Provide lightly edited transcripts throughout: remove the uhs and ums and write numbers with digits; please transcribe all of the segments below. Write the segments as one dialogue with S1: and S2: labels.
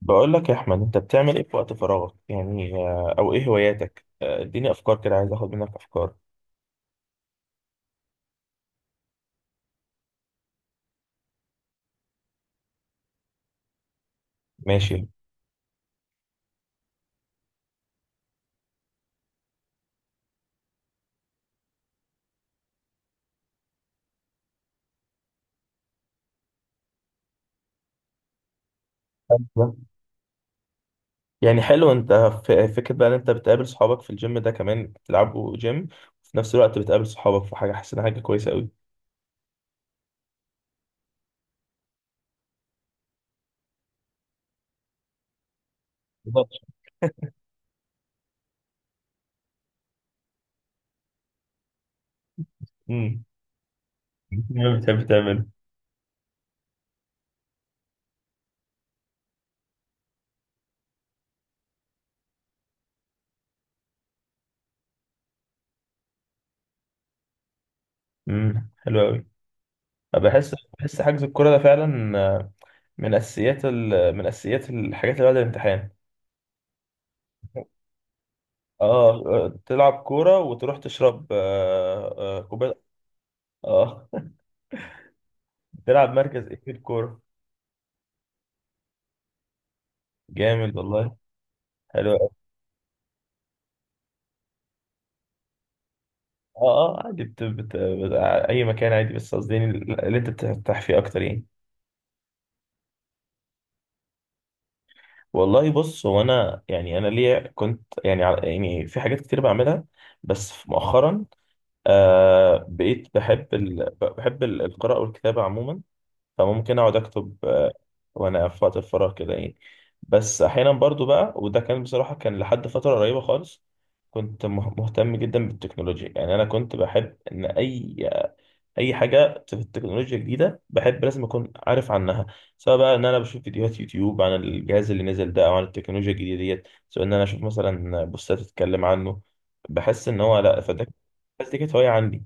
S1: بقول لك يا احمد، انت بتعمل ايه في وقت فراغك يعني؟ او ايه هواياتك؟ اديني افكار كده، عايز اخد منك افكار. ماشي. حلو. يعني حلو. انت في فكرة بقى، ان انت بتقابل صحابك في الجيم ده كمان بتلعبوا جيم، وفي نفس الوقت بتقابل صحابك في حاجة، حاسس انها حاجة كويسة قوي. بالظبط. امم ما بتحب تعمله. حلو قوي. بحس حجز الكورة ده فعلا، من اساسيات الحاجات اللي بعد الامتحان. اه، تلعب كورة وتروح تشرب كوباية. اه. بتلعب مركز ايه في الكورة؟ جامد والله. حلو أوي. اه. اه، عادي، اي مكان عادي، بس قصدي يعني اللي انت بترتاح فيه اكتر يعني. والله بص، هو انا يعني، انا ليا كنت يعني يعني في حاجات كتير بعملها، بس مؤخرا بقيت بحب القراءة والكتابة عموما. فممكن اقعد اكتب، وانا في وقت الفراغ كده يعني. بس احيانا برضو بقى، وده كان بصراحة كان لحد فترة قريبة خالص، كنت مهتم جدا بالتكنولوجيا. يعني انا كنت بحب ان اي حاجة في التكنولوجيا جديدة بحب، لازم اكون عارف عنها، سواء بقى ان انا بشوف فيديوهات يوتيوب عن الجهاز اللي نزل ده، او عن التكنولوجيا الجديدة ديت، سواء ان انا اشوف مثلا بوستات تتكلم عنه. بحس ان هو، لا، فده. بس دي كانت هواية عندي.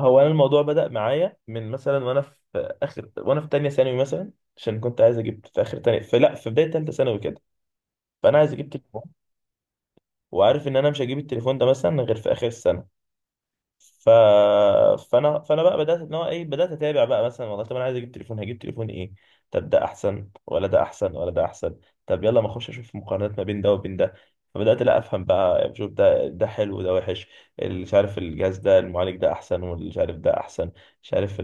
S1: هو انا الموضوع بدأ معايا من مثلا، وانا في اخر، وانا في تانية ثانوي مثلا، عشان كنت عايز اجيب في اخر تانية، فلا في بداية تالتة ثانوي كده، فانا عايز اجيب تليفون. وعارف ان انا مش هجيب التليفون ده مثلا غير في اخر السنة. ف... فانا فانا بقى بدأت، ان هو ايه، بدأت اتابع بقى. مثلا والله، طب انا عايز اجيب تليفون، هجيب تليفون ايه؟ طب ده احسن ولا ده احسن ولا ده احسن؟ طب يلا، ما اخش اشوف مقارنات ما بين ده وبين ده. فبدأت، لا، افهم بقى، بشوف ده ده حلو وده وحش. اللي مش عارف الجهاز ده المعالج ده احسن، واللي مش عارف ده احسن، مش عارف.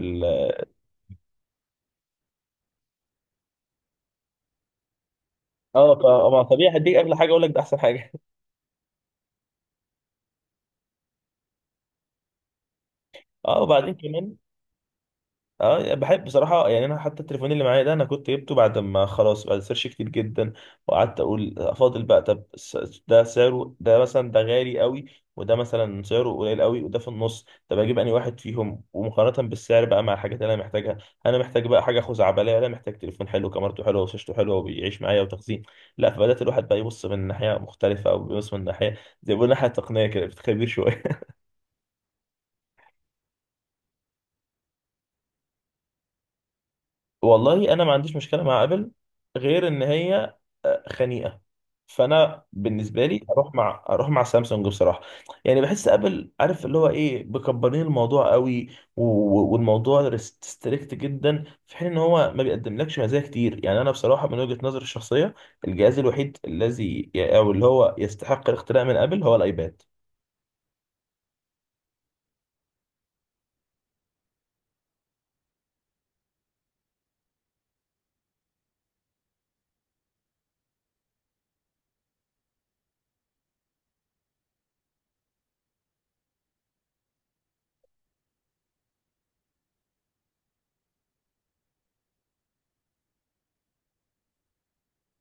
S1: اه، فما طبيعي هديك اغلى حاجه، اقول لك ده احسن حاجه. اه، وبعدين كمان. اه يعني بحب بصراحه، يعني انا حتى التليفون اللي معايا ده، انا كنت جبته بعد ما خلاص، بعد سيرش كتير جدا. وقعدت اقول افاضل بقى، طب، ده سعره ده مثلا ده غالي قوي، وده مثلا سعره قليل قوي، وده في النص، طب اجيب انهي واحد فيهم، ومقارنه بالسعر بقى مع الحاجات اللي انا محتاجها. انا محتاج بقى حاجه خزعبليه، انا محتاج تليفون حلو كاميرته حلوه وشاشته حلوه وبيعيش معايا وتخزين، لا، فبدات الواحد بقى يبص من ناحيه مختلفه، او بيبص من ناحيه، زي ما بيقولوا، ناحيه تقنيه كده، بتخبير شويه. والله انا ما عنديش مشكله مع ابل، غير ان هي، خنيقه. فانا بالنسبه لي اروح مع سامسونج بصراحه. يعني بحس ابل، عارف اللي هو ايه، مكبرين الموضوع قوي. والموضوع ريستريكت جدا، في حين ان هو ما بيقدملكش مزايا كتير. يعني انا بصراحه، من وجهه نظري الشخصيه، الجهاز الوحيد الذي، او اللي هو، يستحق الاختراع من ابل هو الايباد.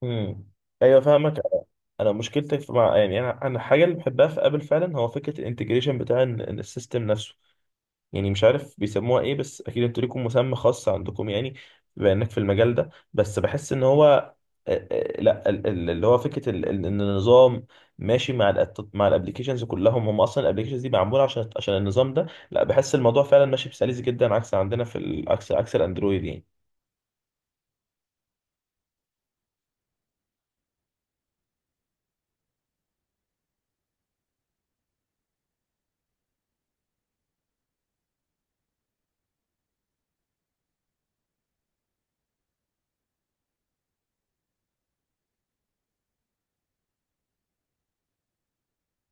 S1: امم، ايوه، فاهمك. انا مشكلتي في، مع، يعني انا الحاجه اللي بحبها في ابل فعلا هو فكره الانتجريشن بتاع السيستم نفسه. يعني مش عارف بيسموها ايه، بس اكيد انتوا ليكم مسمى خاص عندكم يعني، بما انك في المجال ده. بس بحس ان هو، لا، اللي هو فكره ان النظام ماشي مع مع الابلكيشنز كلهم، هم اصلا الابلكيشنز دي معموله عشان النظام ده. لا، بحس الموضوع فعلا ماشي بسلاسه جدا، عكس عندنا في ال- عكس عكس الاندرويد يعني.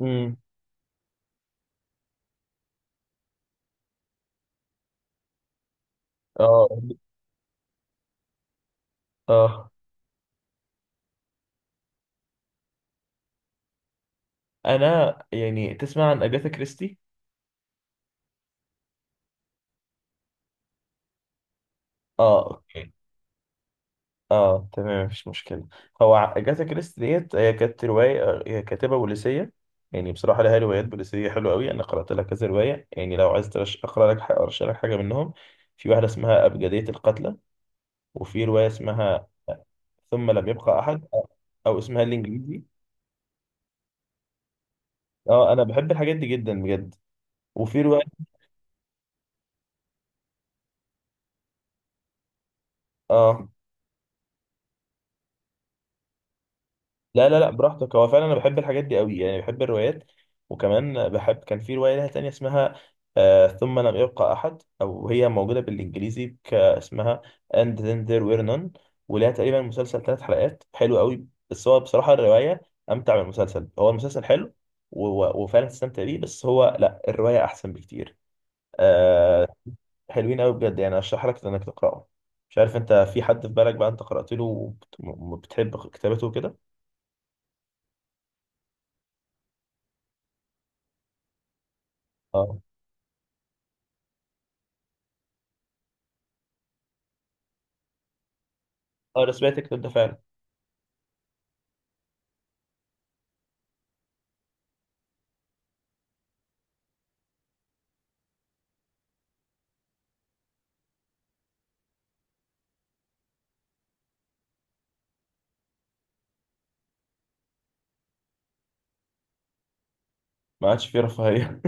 S1: امم، اه، اه، انا يعني، تسمع عن اجاثا كريستي؟ اه، اوكي. اه، تمام، مفيش مشكلة. هو أجاثا كريستي ديت، هي كانت رواية، هي كاتبة بوليسية. يعني بصراحة لها روايات بوليسية حلوة أوي، أنا قرأت لها كذا رواية. يعني لو عايز أقرأ لك حاجة، أرشح لك حاجة منهم. في واحدة اسمها أبجدية القتلى، وفي رواية اسمها ثم لم يبقى أحد، أو اسمها الإنجليزي. اه، أنا بحب الحاجات دي جدا بجد. وفي رواية. اه، لا، لا، لا، براحتك. هو فعلا انا بحب الحاجات دي قوي، يعني بحب الروايات. وكمان بحب، كان في روايه لها تانية اسمها، ثم لم يبقى احد، او هي موجوده بالانجليزي، اسمها and then there were none. ولها تقريبا مسلسل ثلاث حلقات حلو قوي، بس هو بصراحه الروايه امتع من المسلسل. هو المسلسل حلو وفعلا تستمتع بيه، بس هو لا، الروايه احسن بكتير. آه حلوين قوي بجد، يعني ارشح لك انك تقراه. مش عارف انت في حد في بالك بقى انت قرات له وبتحب كتابته كده. اه، انا سمعت الكلام ده فعلا. ما عادش فيه رفاهيه.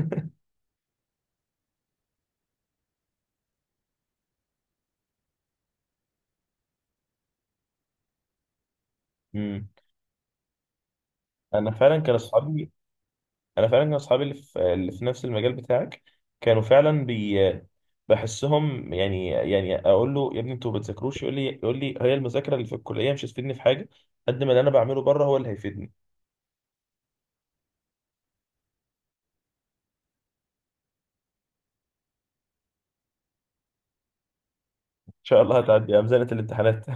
S1: امم انا فعلا كان اصحابي، اللي في نفس المجال بتاعك كانوا فعلا، بحسهم، يعني اقول له يا ابني انتوا ما بتذاكروش؟ يقول لي هي المذاكره اللي في الكليه مش هتفيدني في حاجه، قد ما اللي انا بعمله بره هو اللي هيفيدني. ان شاء الله هتعدي يا مزنه الامتحانات.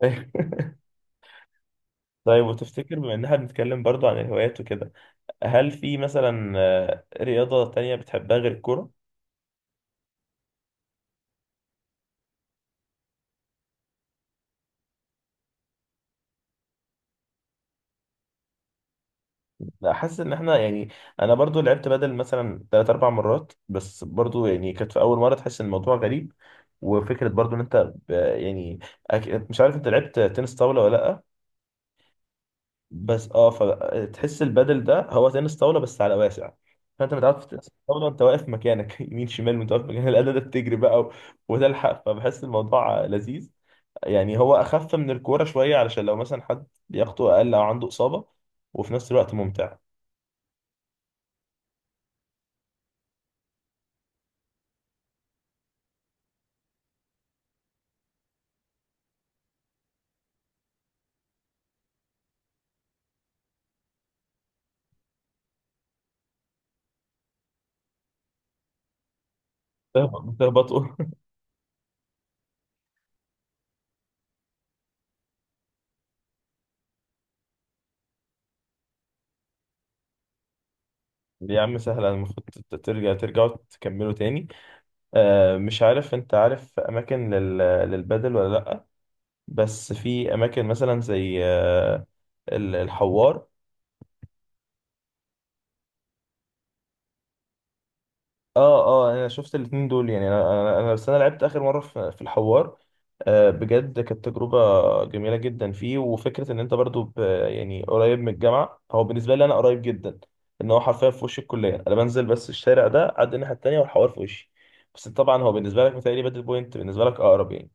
S1: طيب، وتفتكر، بما ان احنا بنتكلم برضو عن الهوايات وكده، هل في مثلا رياضه تانية بتحبها غير الكوره؟ لا، حاسس ان احنا يعني، انا برضو لعبت بدل مثلا تلات اربع مرات، بس برضو يعني كانت في اول مره، تحس ان الموضوع غريب. وفكره برضو ان انت، يعني مش عارف انت لعبت تنس طاوله ولا لا؟ بس اه، فتحس البدل ده هو تنس طاوله بس على واسع. فانت متعود في تنس الطاوله انت واقف مكانك، يمين شمال، وانت واقف مكانك، الاداه ده بتجري بقى وتلحق، فبحس الموضوع لذيذ. يعني هو اخف من الكوره شويه، علشان لو مثلا حد لياقته اقل او عنده اصابه، وفي نفس الوقت ممتع. بتهبطوا؟ يا عم سهلة، المفروض ترجعوا تكملوا تاني. مش عارف انت عارف اماكن للبدل ولا لأ؟ بس في اماكن مثلا زي الحوار. اه، اه، انا شفت الاتنين دول، يعني بس انا لعبت اخر مره في الحوار. بجد كانت تجربه جميله جدا فيه، وفكره ان انت برضو، يعني قريب من الجامعه. هو بالنسبه لي انا قريب جدا، ان هو حرفيا في وش الكليه، انا بنزل بس الشارع ده عدى الناحيه التانيه والحوار في وشي. بس طبعا هو بالنسبه لك متهيألي بدل بوينت بالنسبه لك اقرب يعني.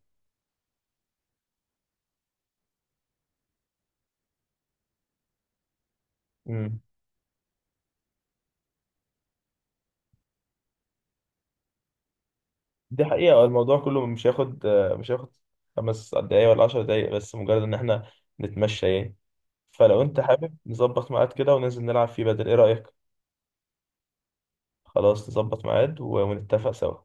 S1: امم دي حقيقه، الموضوع كله مش هياخد، 5 دقايق ولا 10 دقايق، بس مجرد ان احنا نتمشى يعني. فلو انت حابب نظبط ميعاد كده وننزل نلعب فيه بدل، ايه رأيك؟ خلاص، نظبط ميعاد ونتفق سوا.